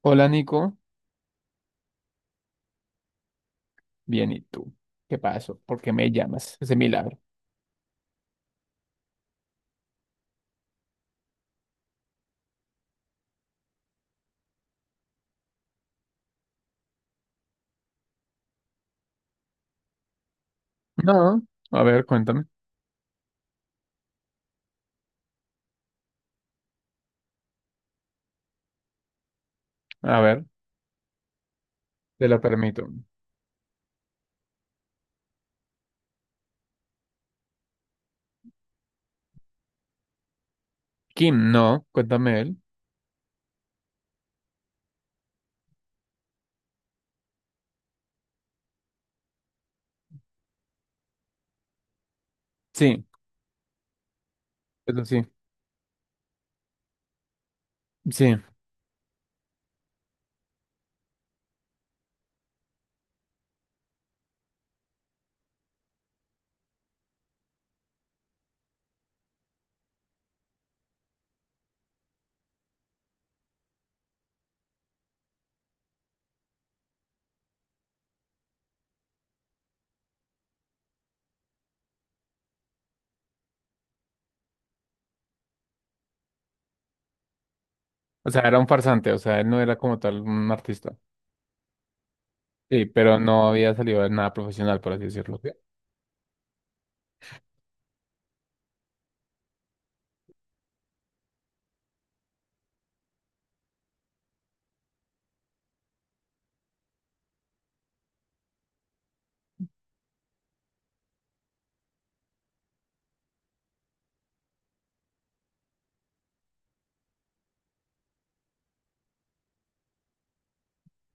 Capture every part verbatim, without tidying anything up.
Hola Nico, bien, ¿y tú? ¿Qué pasó? ¿Por qué me llamas? Ese milagro. No, a ver, cuéntame. A ver, te lo permito. Kim, no, cuéntame él. Sí, eso sí, sí. O sea, era un farsante, o sea, él no era como tal un artista. Sí, pero no había salido de nada profesional, por así decirlo. Sí.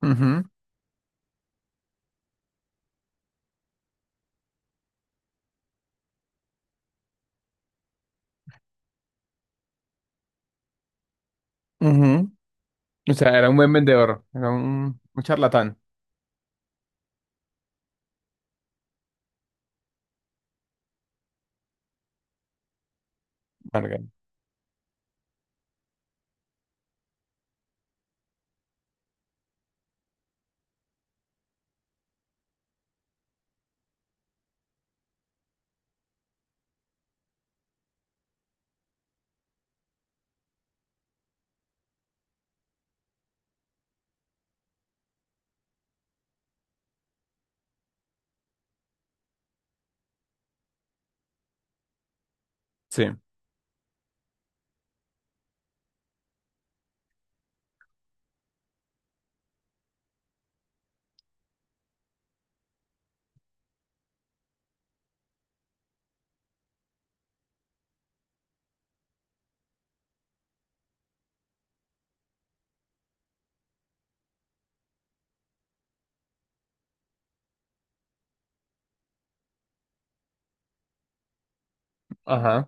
Ujú, ujú. O sea, era un buen vendedor, era un, un charlatán. Marga. Sí, ajá,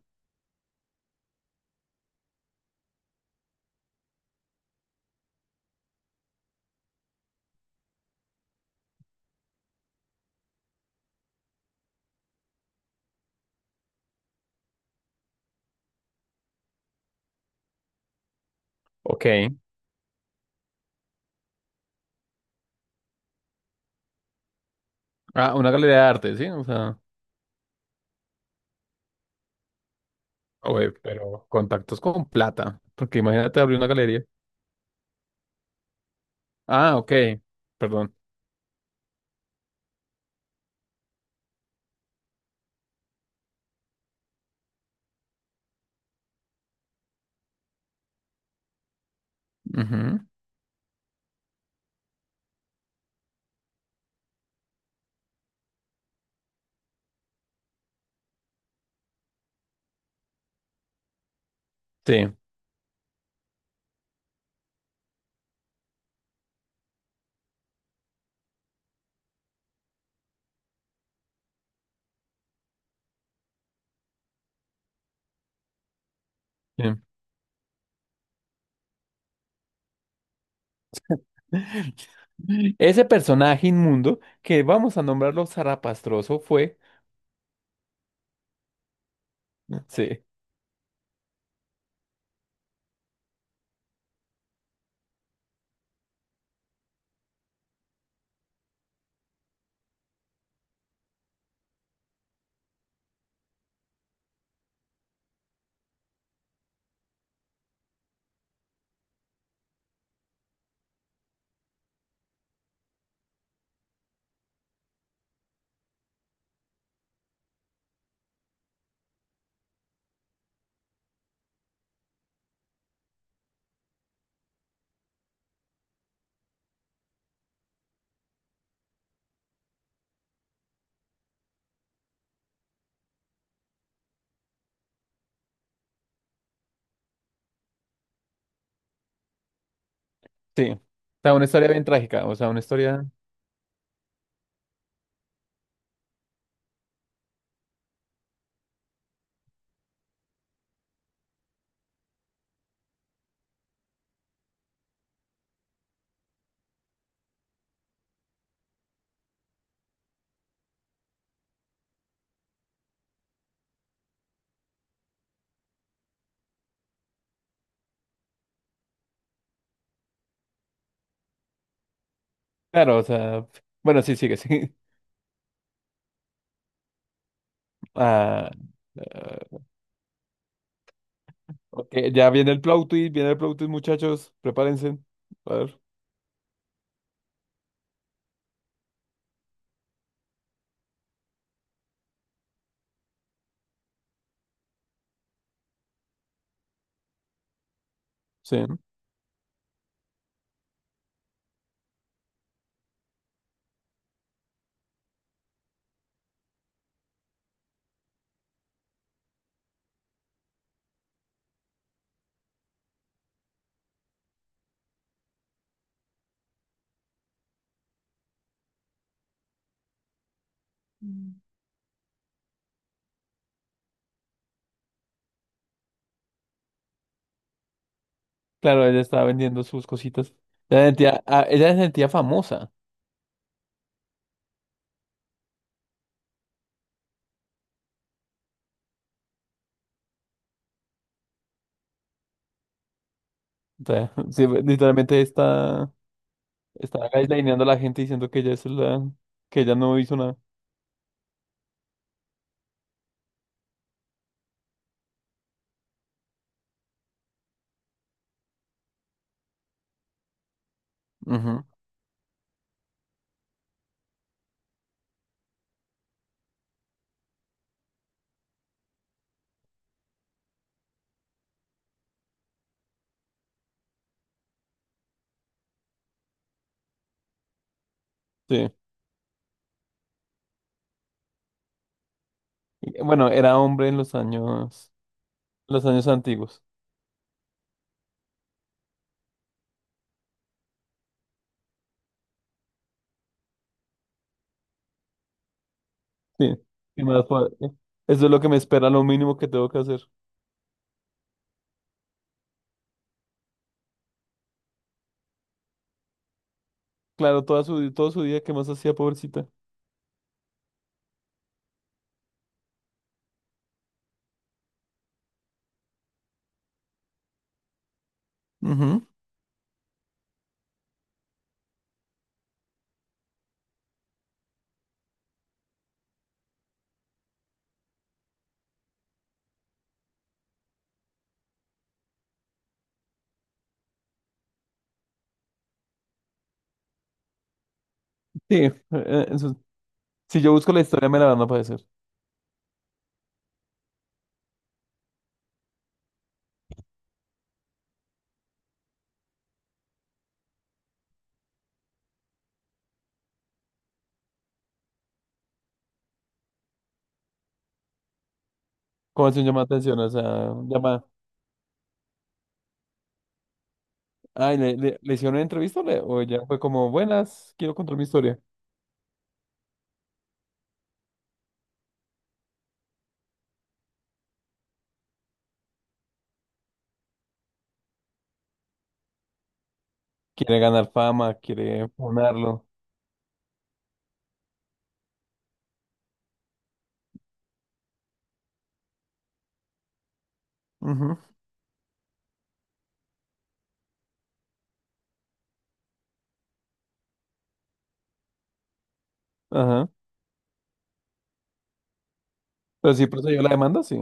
ok. Ah, una galería de arte, sí, o sea. Ah, güey, pero contactos con plata, porque imagínate abrir una galería. Ah, ok, perdón. Ujú. Sí. Bien. Ese personaje inmundo que vamos a nombrarlo zarapastroso fue. Sí, sí. O sea, una historia bien trágica. O sea, una historia. Claro, o sea. Bueno, sí, sigue, sí. Ah, ah, ok, ya viene el plot twist, viene el plot twist, muchachos. Prepárense. A ver, sí. Claro, ella estaba vendiendo sus cositas. Ella se sentía, ah, ella se sentía famosa. O sea, sí, literalmente está, está gaslightingando a la gente diciendo que ella es la, que ella no hizo nada. Ujú, sí. Y bueno, era hombre en los años, los años antiguos. Sí. ¿Qué más puedo- eh? Eso es lo que me espera, lo mínimo que tengo que hacer. Claro, toda su, todo su día, ¿qué más hacía, pobrecita? Ujú. Sí. Eh, eh, eso, si yo busco la historia, me la van a aparecer. Como así un llama atención? O sea, llama. Ay, ¿le, le, le hicieron una entrevista o, le- o ya fue como, buenas, quiero contar mi historia? Quiere ganar fama, quiere ponerlo. Ujú. Ajá. Pero sí procedió la demanda, sí.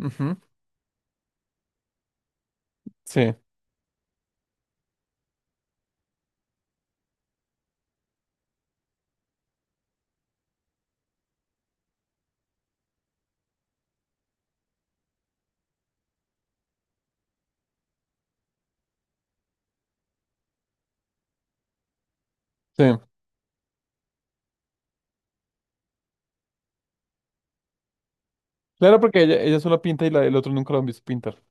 Ujú. Sí, sí. Claro, porque ella, ella solo pinta y la, el otro nunca lo han visto pintar.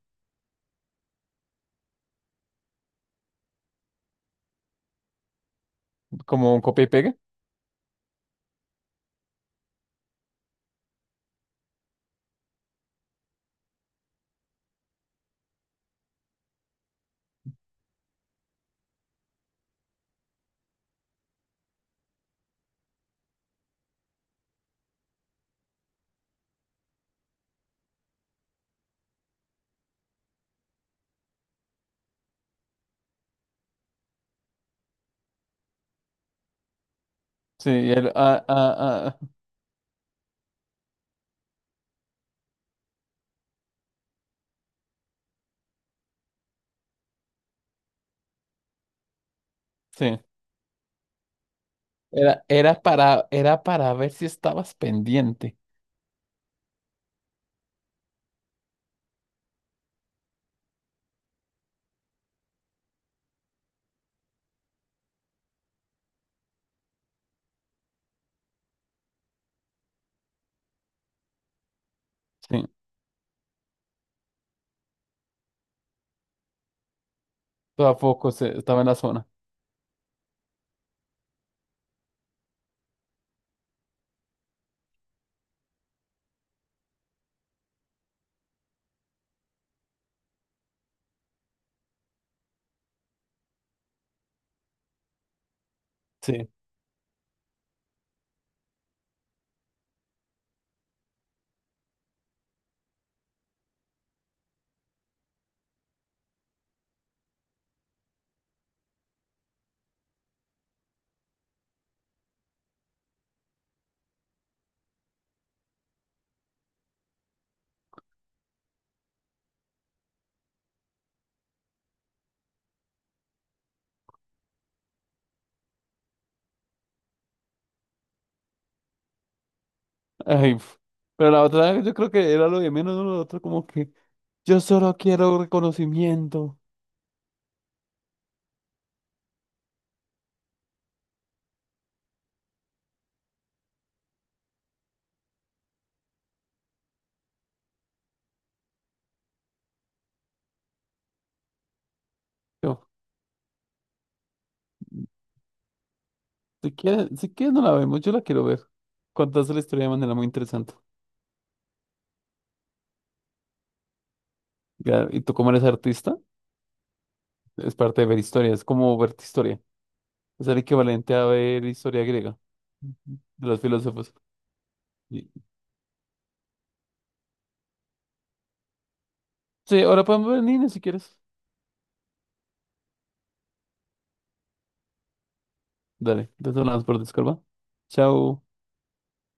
Como un copia y pega. Sí, y él, ah, ah, ah, sí. Era, era para, era para ver si estabas pendiente. Sí. Todo a poco se- estaba en la zona. Sí. Ay, pf. Pero la otra, yo creo que era lo de menos, ¿no? Lo otro como que yo solo quiero reconocimiento. Yo, si quieres, si quieres no la vemos, yo la quiero ver. Contaste la historia de manera muy interesante. Ya, y tú como eres artista, es parte de ver historia, es como ver historia. Es el equivalente a ver historia griega Ujú. De los filósofos. Y- sí, ahora podemos ver Nina si quieres. Dale, te sonamos por Discord, ¿va? Chao.